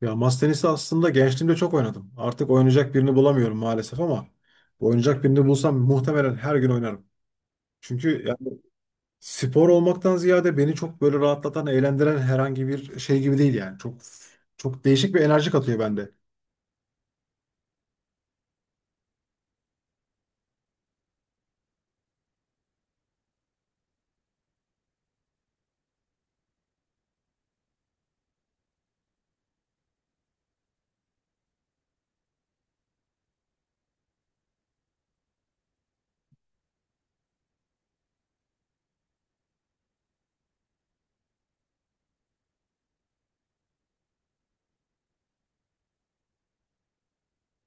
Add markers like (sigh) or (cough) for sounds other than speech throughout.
Ya masa tenisi aslında gençliğimde çok oynadım. Artık oynayacak birini bulamıyorum maalesef ama oynayacak birini bulsam muhtemelen her gün oynarım. Çünkü yani spor olmaktan ziyade beni çok böyle rahatlatan, eğlendiren herhangi bir şey gibi değil yani. Çok değişik bir enerji katıyor bende.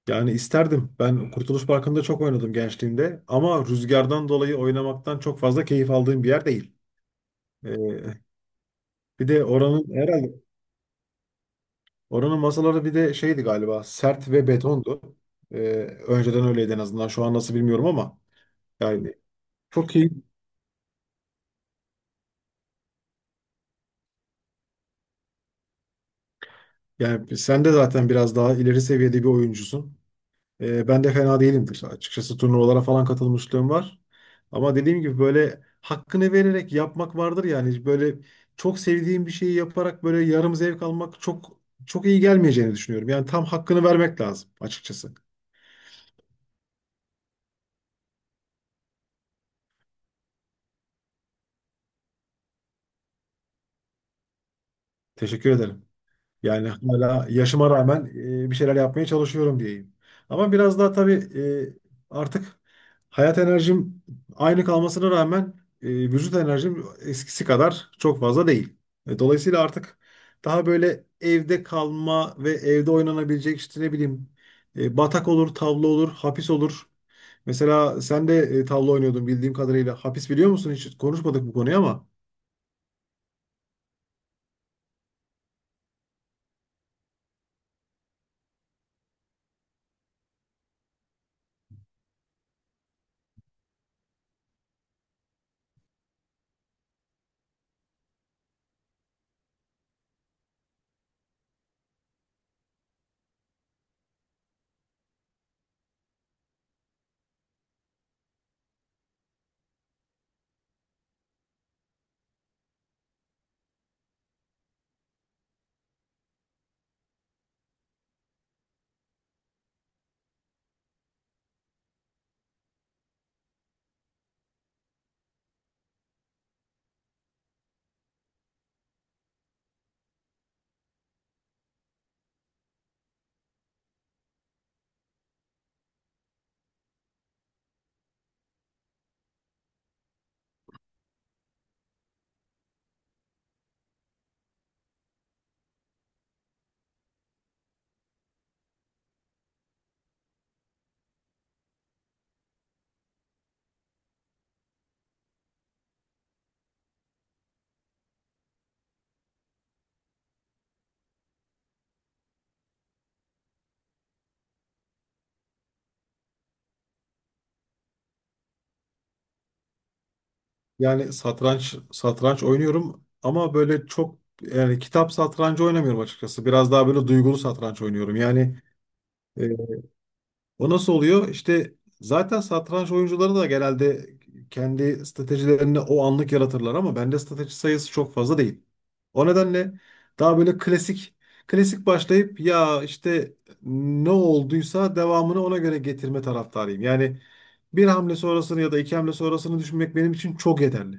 Yani isterdim. Ben Kurtuluş Parkı'nda çok oynadım gençliğimde ama rüzgardan dolayı oynamaktan çok fazla keyif aldığım bir yer değil. Ee, bir de oranın herhalde oranın masaları bir de şeydi galiba sert ve betondu. Ee, Önceden öyleydi en azından. Şu an nasıl bilmiyorum ama yani çok iyi. Yani sen de zaten biraz daha ileri seviyede bir oyuncusun. Ben de fena değilimdir. Açıkçası turnuvalara falan katılmışlığım var. Ama dediğim gibi böyle hakkını vererek yapmak vardır yani. Böyle çok sevdiğim bir şeyi yaparak böyle yarım zevk almak çok iyi gelmeyeceğini düşünüyorum. Yani tam hakkını vermek lazım açıkçası. Teşekkür ederim. Yani hala yaşıma rağmen bir şeyler yapmaya çalışıyorum diyeyim. Ama biraz daha tabii artık hayat enerjim aynı kalmasına rağmen vücut enerjim eskisi kadar çok fazla değil. Dolayısıyla artık daha böyle evde kalma ve evde oynanabilecek işte ne bileyim, batak olur, tavla olur, hapis olur. Mesela sen de tavla oynuyordun bildiğim kadarıyla. Hapis biliyor musun? Hiç konuşmadık bu konuyu ama. Yani satranç oynuyorum ama böyle çok yani kitap satrancı oynamıyorum açıkçası. Biraz daha böyle duygulu satranç oynuyorum. Yani e, o nasıl oluyor? İşte zaten satranç oyuncuları da genelde kendi stratejilerini o anlık yaratırlar ama bende strateji sayısı çok fazla değil. O nedenle daha böyle klasik başlayıp ya işte ne olduysa devamını ona göre getirme taraftarıyım. Yani bir hamle sonrasını ya da iki hamle sonrasını düşünmek benim için çok yeterli.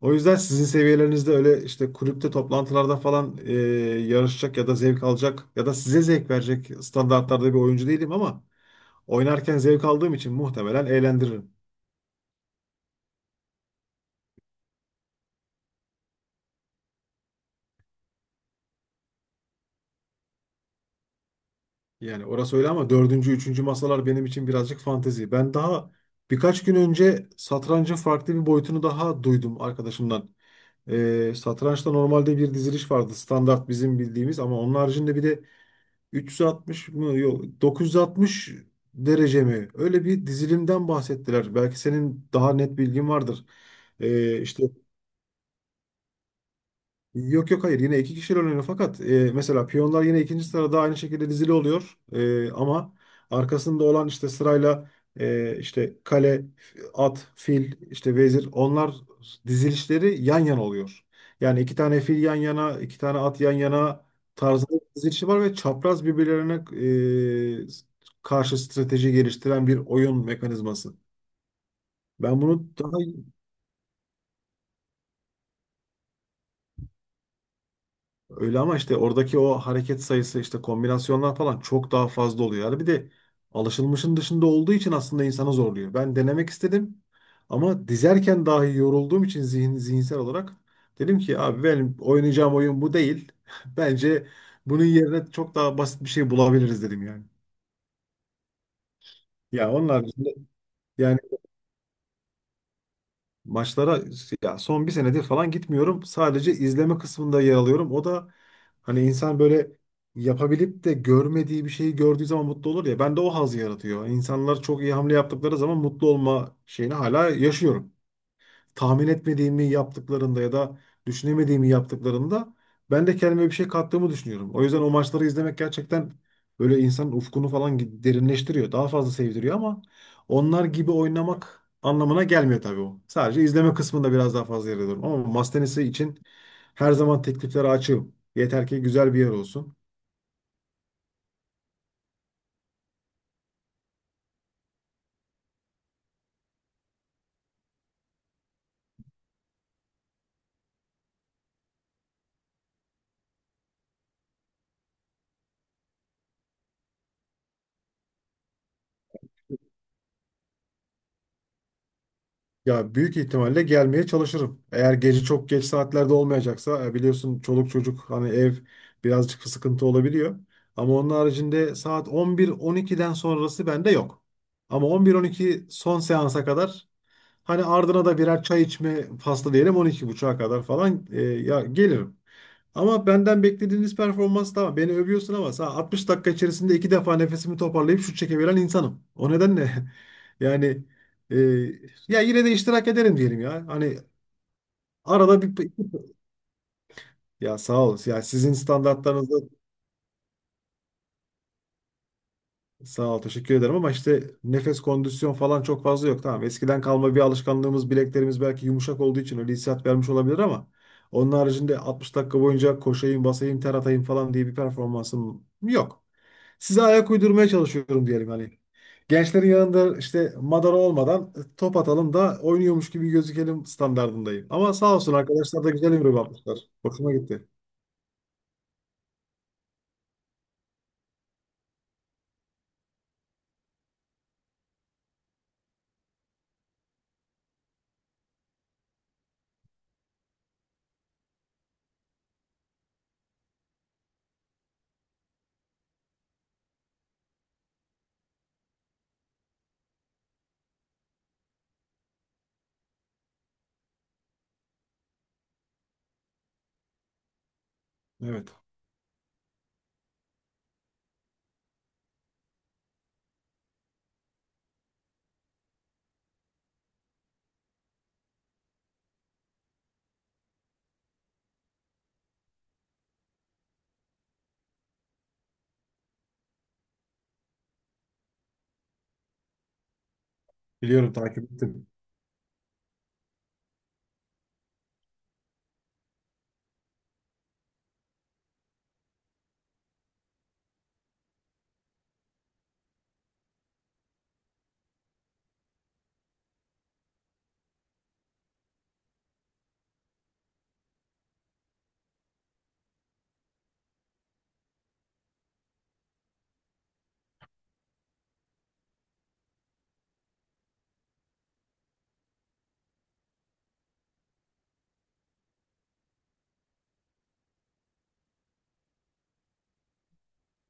O yüzden sizin seviyelerinizde öyle işte kulüpte toplantılarda falan yarışacak ya da zevk alacak ya da size zevk verecek standartlarda bir oyuncu değilim ama oynarken zevk aldığım için muhtemelen eğlendiririm. Yani orası öyle ama dördüncü, üçüncü masalar benim için birazcık fantezi. Ben daha birkaç gün önce satrancın farklı bir boyutunu daha duydum arkadaşımdan. Satrançta normalde bir diziliş vardı. Standart bizim bildiğimiz ama onun haricinde bir de 360 mı yok 960 derece mi? Öyle bir dizilimden bahsettiler. Belki senin daha net bilgin vardır. Ee, işte Yok yok hayır, yine iki kişiyle oynanıyor fakat mesela piyonlar yine ikinci sırada aynı şekilde dizili oluyor. E, ama arkasında olan işte sırayla, işte kale, at, fil, işte vezir onlar dizilişleri yan yana oluyor. Yani iki tane fil yan yana, iki tane at yan yana tarzında bir dizilişi var ve çapraz birbirlerine e, karşı strateji geliştiren bir oyun mekanizması. Ben bunu daha öyle ama işte oradaki o hareket sayısı işte kombinasyonlar falan çok daha fazla oluyor. Yani bir de alışılmışın dışında olduğu için aslında insanı zorluyor. Ben denemek istedim ama dizerken dahi yorulduğum için zihinsel olarak dedim ki abi benim oynayacağım oyun bu değil. (laughs) Bence bunun yerine çok daha basit bir şey bulabiliriz dedim yani. Ya onlar yani maçlara Ya son bir senedir falan gitmiyorum. Sadece izleme kısmında yer alıyorum. O da hani insan böyle yapabilip de görmediği bir şeyi gördüğü zaman mutlu olur ya. Ben de o haz yaratıyor. İnsanlar çok iyi hamle yaptıkları zaman mutlu olma şeyini hala yaşıyorum, tahmin etmediğimi yaptıklarında ya da düşünemediğimi yaptıklarında ben de kendime bir şey kattığımı düşünüyorum. O yüzden o maçları izlemek gerçekten böyle insanın ufkunu falan derinleştiriyor. Daha fazla sevdiriyor ama onlar gibi oynamak anlamına gelmiyor tabii o. Sadece izleme kısmında biraz daha fazla yer alıyorum. Ama masa tenisi için her zaman tekliflere açığım. Yeter ki güzel bir yer olsun. Ya büyük ihtimalle gelmeye çalışırım. Eğer gece çok geç saatlerde olmayacaksa, biliyorsun çoluk çocuk hani ev birazcık sıkıntı olabiliyor. Ama onun haricinde saat 11-12'den sonrası bende yok. Ama 11-12 son seansa kadar, hani ardına da birer çay içme faslı diyelim, 12:30'a kadar falan, ya gelirim. Ama benden beklediğiniz performans tamam. Beni övüyorsun ama sana 60 dakika içerisinde iki defa nefesimi toparlayıp şut çekebilen insanım. O nedenle (laughs) yani e, ya yine de iştirak ederim diyelim ya. Hani arada bir, ya sağ ol. Ya sizin standartlarınızda sağ ol. Teşekkür ederim ama işte nefes kondisyon falan çok fazla yok. Tamam. Eskiden kalma bir alışkanlığımız bileklerimiz belki yumuşak olduğu için öyle hissiyat vermiş olabilir ama onun haricinde 60 dakika boyunca koşayım, basayım, ter atayım falan diye bir performansım yok. Size ayak uydurmaya çalışıyorum diyelim hani. Gençlerin yanında işte madara olmadan top atalım da oynuyormuş gibi gözükelim standardındayım. Ama sağ olsun arkadaşlar da güzel yorum yapmışlar. Hoşuma gitti. Evet. Biliyorum takip ettim.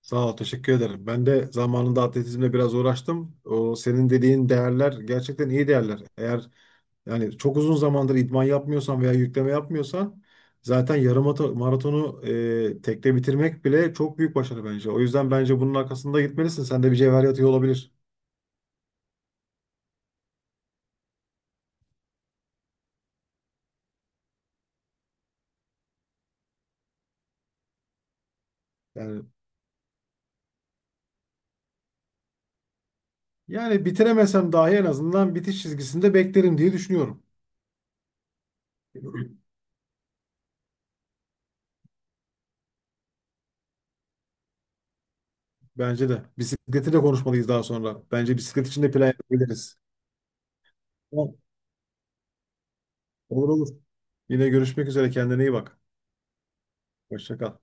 Sağ ol, teşekkür ederim. Ben de zamanında atletizmle biraz uğraştım. O senin dediğin değerler gerçekten iyi değerler. Eğer yani çok uzun zamandır idman yapmıyorsan veya yükleme yapmıyorsan zaten yarım maratonu tekte bitirmek bile çok büyük başarı bence. O yüzden bence bunun arkasında gitmelisin. Sende bir cevher yatıyor olabilir. Yani yani bitiremesem dahi en azından bitiş çizgisinde beklerim diye düşünüyorum. Bence de. Bisikleti de konuşmalıyız daha sonra. Bence bisiklet için de plan yapabiliriz. Tamam. Olur olur. Yine görüşmek üzere. Kendine iyi bak. Hoşça kal.